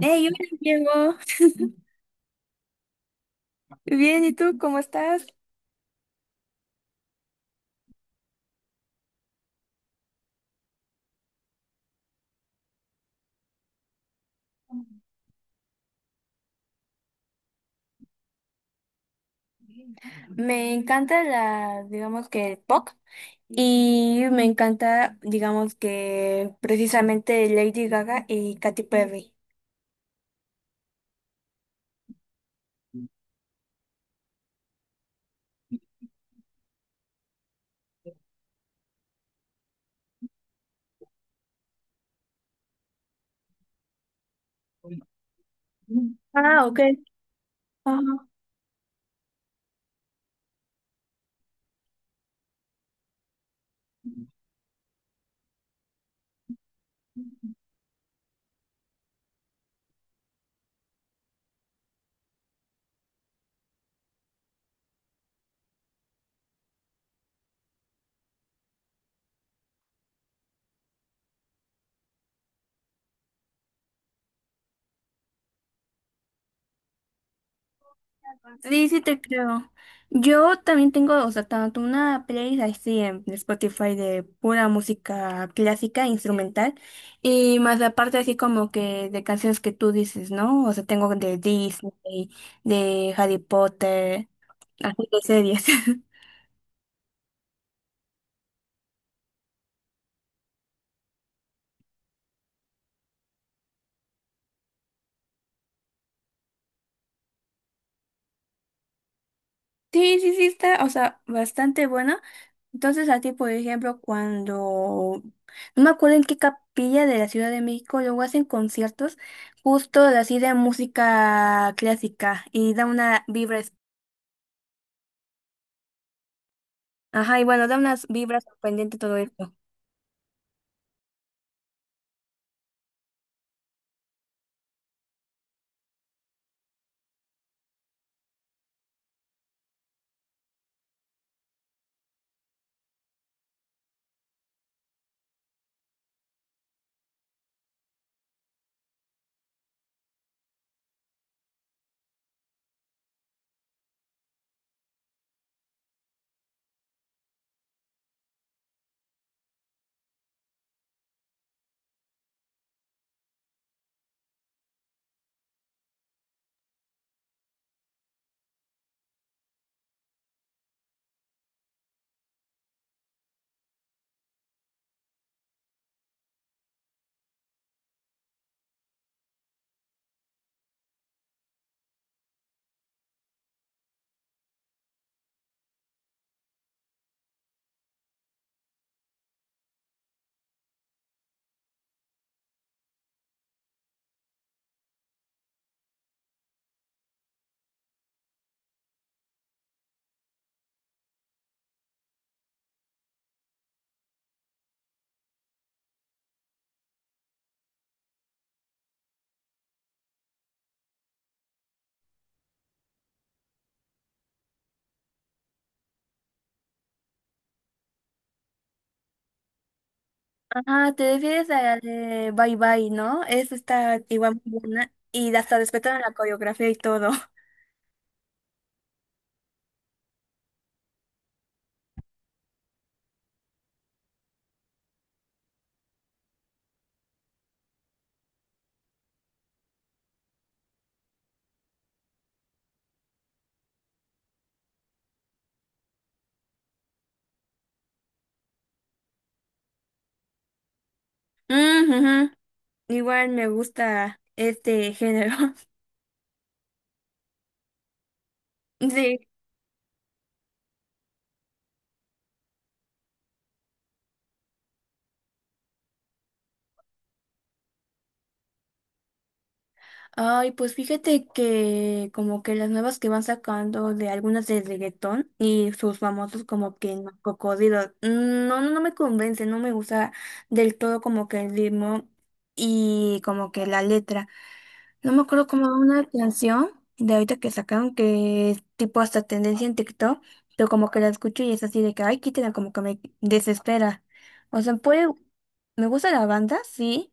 Hey, hola Diego. Bien, ¿y tú cómo estás? Me encanta digamos que el pop, y me encanta, digamos que precisamente Lady Gaga y Katy Perry. Ah, ok. Sí, sí te creo. Yo también tengo, o sea, tanto una playlist así en Spotify de pura música clásica, instrumental, y más aparte así como que de canciones que tú dices, ¿no? O sea, tengo de Disney, de Harry Potter, así de series. Sí, sí, sí, está, o sea, bastante buena. Entonces, a ti, por ejemplo, no me acuerdo en qué capilla de la Ciudad de México, luego hacen conciertos justo así de música clásica y da una vibra, ajá, y bueno, da unas vibras sorprendente todo esto. Ajá, te refieres a la de Bye Bye, ¿no? Esa está igual muy buena y hasta respetaron la coreografía y todo. Mm, ujú. Igual me gusta este género. Sí. Ay, pues fíjate que como que las nuevas que van sacando de algunas de reggaetón y sus famosos como que no, cocodrilos, no, no me convence, no me gusta del todo como que el ritmo y como que la letra. No me acuerdo como una canción de ahorita que sacaron que es tipo hasta tendencia en TikTok, pero como que la escucho y es así de que, ay, quítela, como que me desespera. O sea, puede, me gusta la banda, sí,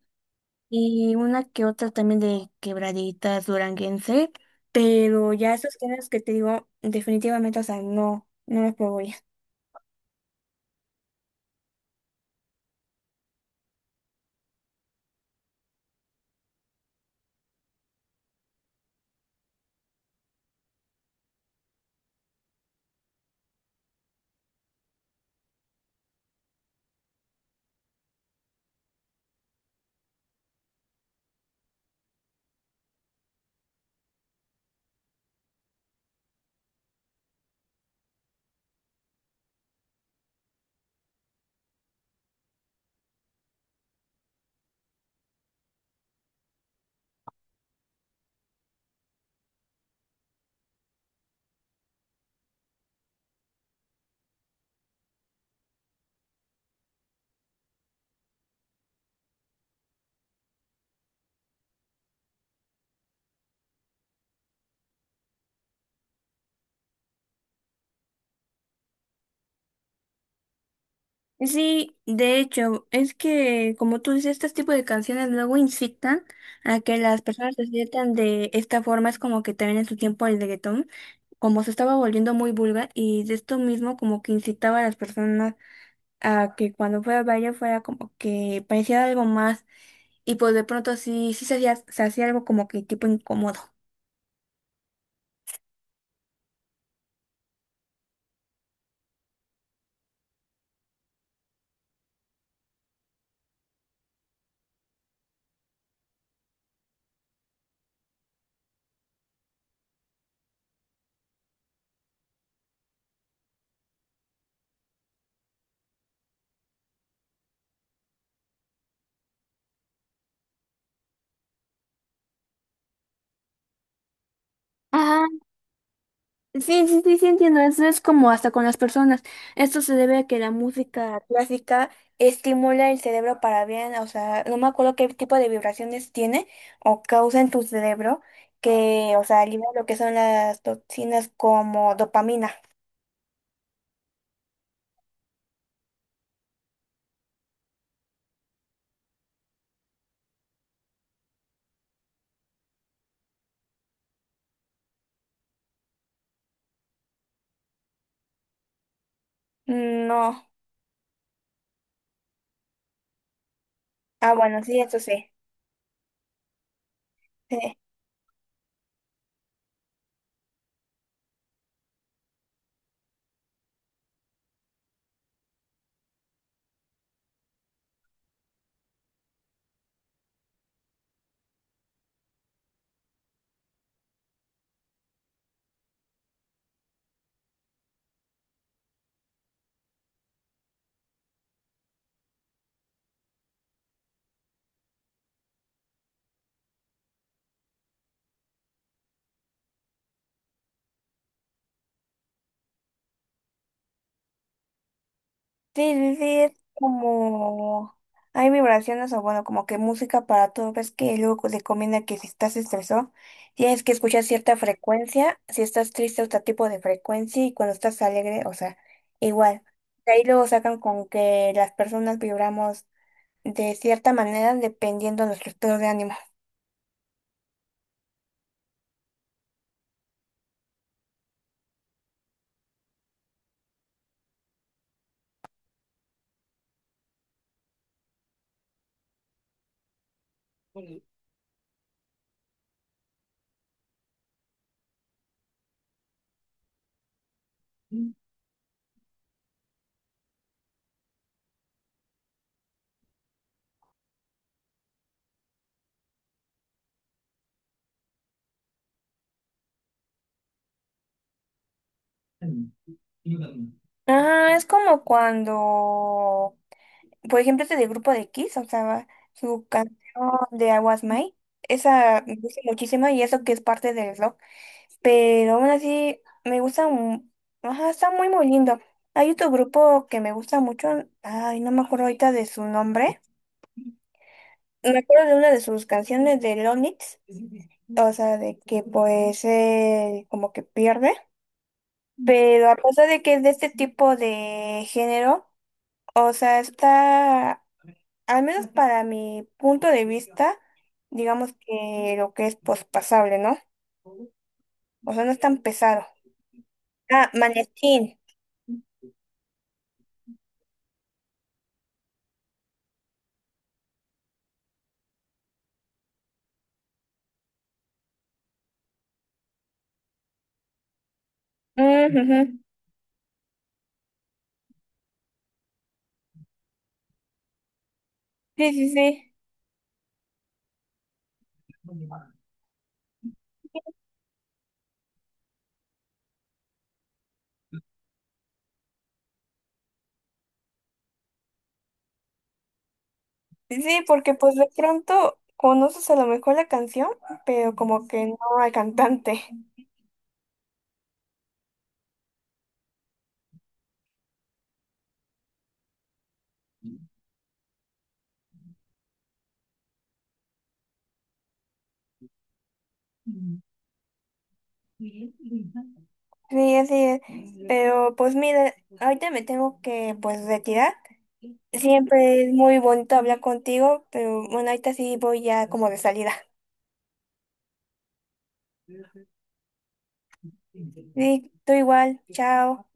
y una que otra también de quebraditas duranguense, pero ya esos géneros que te digo, definitivamente, o sea, no los puedo ya. Sí, de hecho, es que como tú dices, este tipo de canciones luego incitan a que las personas se sientan de esta forma. Es como que también en su tiempo el reggaetón, como se estaba volviendo muy vulgar y de esto mismo como que incitaba a las personas a que cuando fuera a baile fuera como que parecía algo más. Y pues de pronto sí, sí se hacía, algo como que tipo incómodo. Ajá, sí, sí, sí, sí, entiendo. Eso es como hasta con las personas. Esto se debe a que la música clásica estimula el cerebro para bien. O sea, no me acuerdo qué tipo de vibraciones tiene o causa en tu cerebro que, o sea, libera lo que son las toxinas como dopamina. Mm, no. Ah, bueno, sí, eso sí. Sí. Sí, sí, sí, es como hay vibraciones o bueno, como que música para todo. Ves que luego recomienda que si estás estresado, tienes que escuchar cierta frecuencia, si estás triste, otro tipo de frecuencia y cuando estás alegre, o sea, igual. De ahí luego sacan con que las personas vibramos de cierta manera dependiendo de nuestro estado de ánimo. Ah, es como cuando por ejemplo, este del grupo de Kiss, o sea, su canción de I Was Mine, esa me gusta muchísimo y eso que es parte del rock, pero aún así me gusta, ajá, está muy muy lindo. Hay otro grupo que me gusta mucho, ay, no me acuerdo ahorita de su nombre, me acuerdo de una de sus canciones de Lonix, o sea, de que pues como que pierde, pero a pesar de que es de este tipo de género, o sea, está. Al menos para mi punto de vista, digamos que lo que es pospasable, ¿no? O sea, no es tan pesado. Ah, manechín. Mm, ujú. Sí, sí, sí. Sí, sí, porque pues de pronto conoces a lo mejor la canción, pero como que no al cantante. Sí, así es. Pero pues mira, ahorita me tengo que pues retirar. Siempre es muy bonito hablar contigo, pero bueno, ahorita sí voy ya como de salida. Sí, tú igual. Chao.